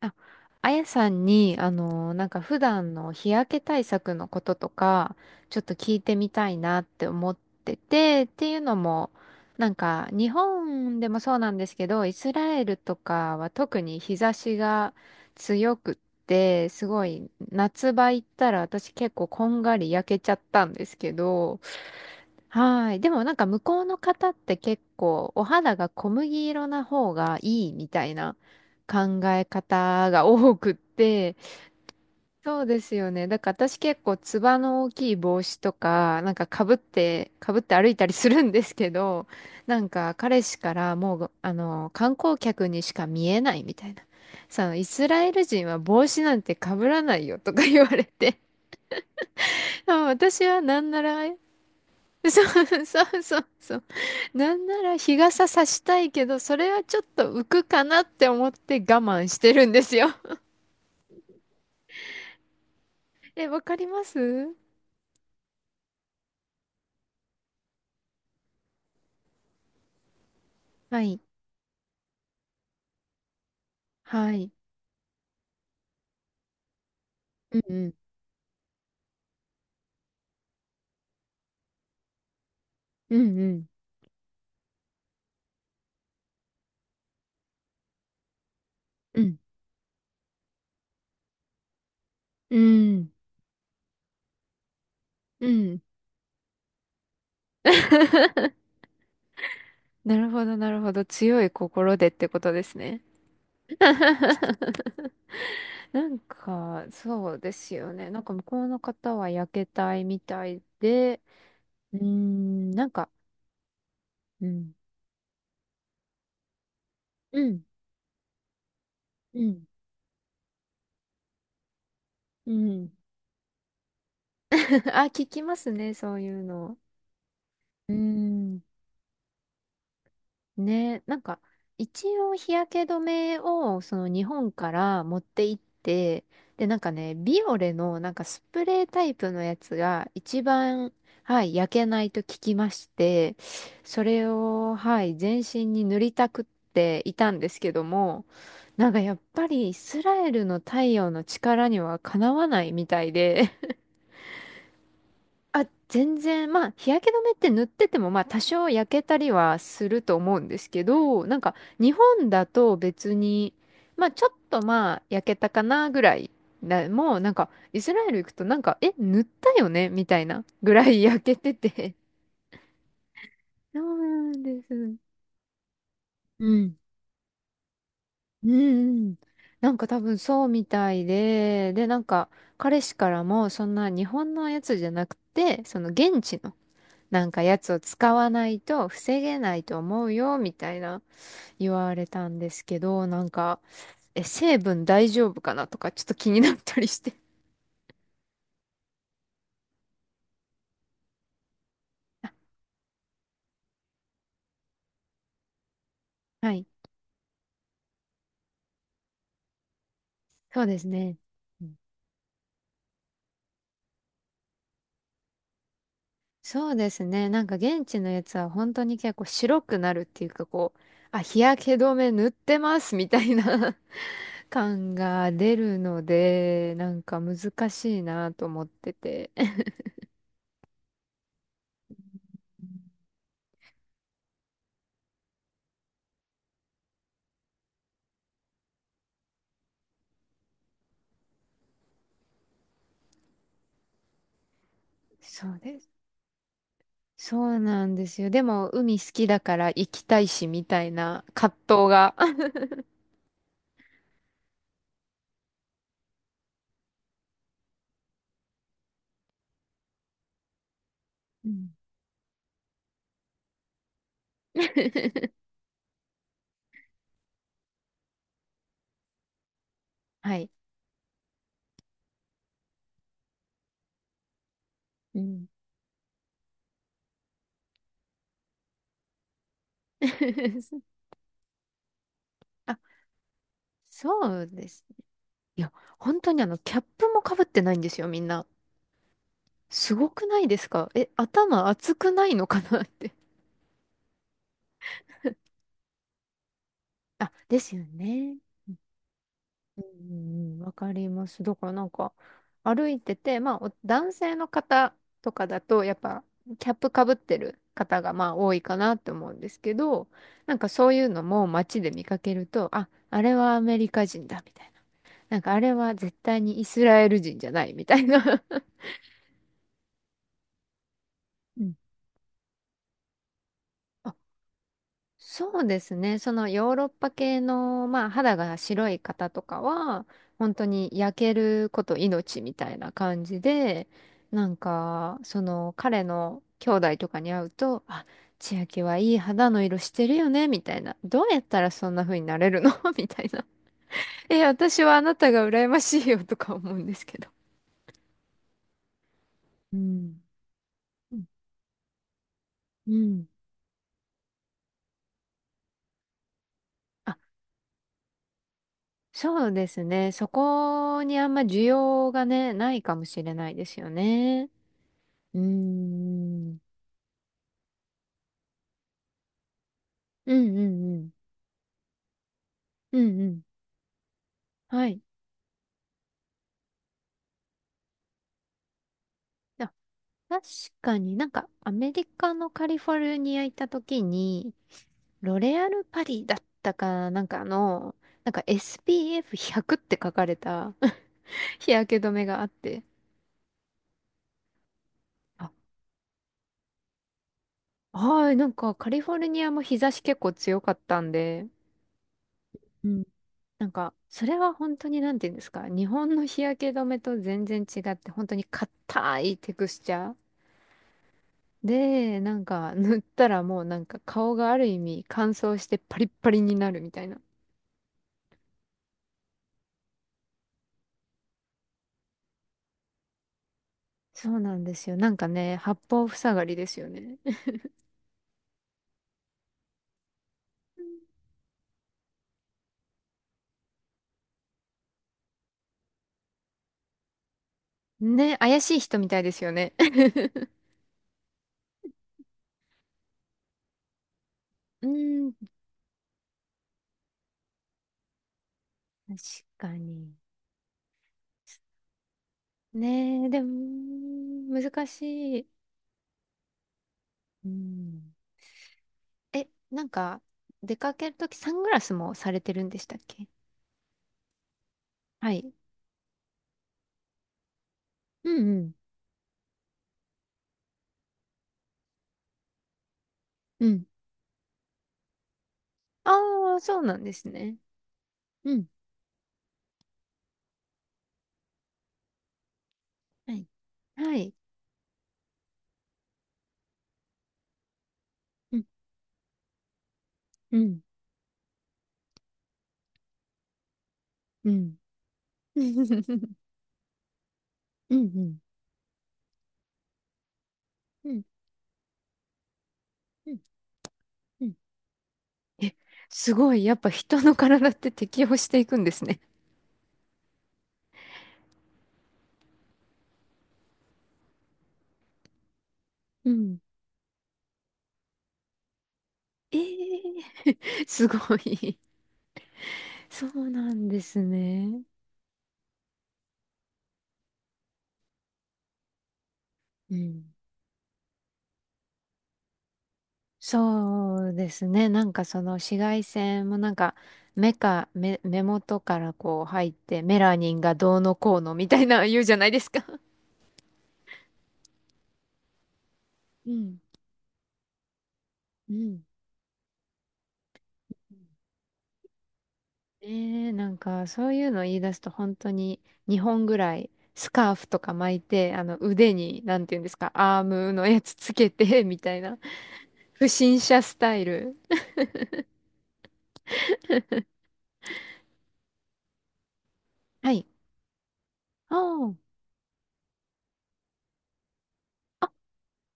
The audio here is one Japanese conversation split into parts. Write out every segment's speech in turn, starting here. ああやさんに、なんか普段の日焼け対策のこととか、ちょっと聞いてみたいなって思って、っていうのも、なんか日本でもそうなんですけど、イスラエルとかは特に日差しが強くって、すごい夏場行ったら私結構こんがり焼けちゃったんですけど、はい。でもなんか向こうの方って結構お肌が小麦色な方がいいみたいな考え方が多くって、そうですよね。だから私結構つばの大きい帽子とか、なんか被って歩いたりするんですけど、なんか彼氏からもう、観光客にしか見えないみたいな。さあ、イスラエル人は帽子なんて被らないよとか言われて、あ私はなんなら そうそう そうそう。なんなら日傘さしたいけど、それはちょっと浮くかなって思って我慢してるんですよ。え、わかります。はい。はい。うんうん。うんうん。うん。うん。なるほど、なるほど。強い心でってことですね。なんか、そうですよね。なんか向こうの方は焼けたいみたいで、うーん、なんか、うん、うん、うん、うん。あ、聞きますね、そういうの。うーん。ね、なんか、一応日焼け止めを、その日本から持って行って、で、なんかね、ビオレの、なんかスプレータイプのやつが、一番、はい、焼けないと聞きまして、それを、はい、全身に塗りたくっていたんですけども、なんかやっぱりイスラエルの太陽の力にはかなわないみたいで、あ、全然、まあ、日焼け止めって塗ってても、まあ、多少焼けたりはすると思うんですけど、なんか、日本だと別に、まあ、ちょっとまあ、焼けたかなぐらいな、もう、なんか、イスラエル行くと、なんか、え、塗ったよねみたいなぐらい 焼けてて。そうなんです。うん。うんうん。なんか多分そうみたいで、で、なんか、彼氏からも、そんな日本のやつじゃなくて、その現地のなんかやつを使わないと防げないと思うよ、みたいな言われたんですけど、なんか、え、成分大丈夫かなとかちょっと気になったりして。あはい。そうですね。うんそうですね。なんか現地のやつは本当に結構白くなるっていうかこう、あ、日焼け止め塗ってますみたいな 感が出るので、なんか難しいなと思ってて。そうです。そうなんですよ。でも、海好きだから行きたいし、みたいな葛藤が。うん はい。うん。あ、そうです。いや、本当にあの、キャップもかぶってないんですよ、みんな。すごくないですかえ、頭熱くないのかなって。あ、ですよね。うんうんわかります。だからなんか歩いてて、まあお男性の方とかだとやっぱキャップかぶってる方がまあ多いかなって思うんですけど、なんかそういうのも街で見かけると、あ、あれはアメリカ人だみたいな。なんかあれは絶対にイスラエル人じゃないみたいな。うんそうですね。そのヨーロッパ系の、まあ、肌が白い方とかは、本当に焼けること命みたいな感じで、なんか、その彼の兄弟とかに会うと、あ、千秋はいい肌の色してるよね、みたいな。どうやったらそんな風になれるの みたいな。え、私はあなたが羨ましいよとか思うんですけど。うん。うんうんあそうですね。そこにあんま需要がね、ないかもしれないですよね。うーん。うんうんうん。うんうん。はい。あ、確かになんかアメリカのカリフォルニア行った時に、ロレアルパリだったかなんかの、なんか SPF100 って書かれた 日焼け止めがあって。あ、はい、なんかカリフォルニアも日差し結構強かったんで、うんなんか、それは本当になんて言うんですか、日本の日焼け止めと全然違って、本当に硬いテクスチャー。で、なんか 塗ったらもうなんか顔がある意味乾燥してパリッパリになるみたいな。そうなんですよ。なんかね、八方塞がりですよね。ね、怪しい人みたいですよね。うーん、確かに。ねえ、でも、難しい。うん。え、なんか、出かけるときサングラスもされてるんでしたっけ？はい。うんうん。うん。ああ、そうなんですね。うん。はい。はい。うん。うん。うん。うんうん。うんうんうん。え、すごい。やっぱ人の体って適応していくんですね。うん。ええ すごい。そうなんですね。うん。そうですね。なんかその紫外線もなんか目か目、目元からこう入ってメラニンがどうのこうのみたいな言うじゃないですか。うん。うん。えー、なんかそういうの言い出すと本当に2本ぐらいスカーフとか巻いてあの腕になんて言うんですかアームのやつつけてみたいな 不審者スタイル。はい。ああ、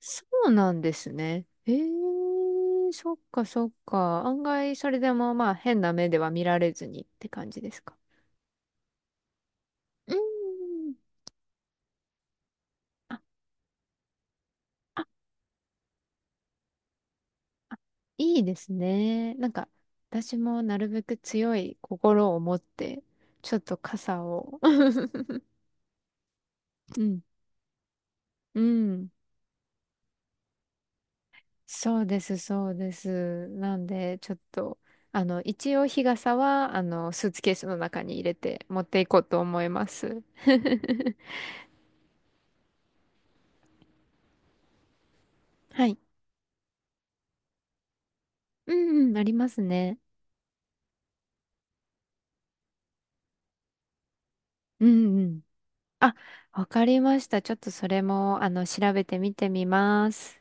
そうなんですね。えー、そっかそっか。案外それでもまあ変な目では見られずにって感じですか？うーん。あ、いいですね。なんか私もなるべく強い心を持ってちょっと傘を うんうん、そうです、そうです。なんで、ちょっと、あの、一応日傘は、あの、スーツケースの中に入れて持っていこうと思います。はい。うんうん、ありますね。うんうん。あ、わかりました。ちょっとそれも、あの、調べてみてみます。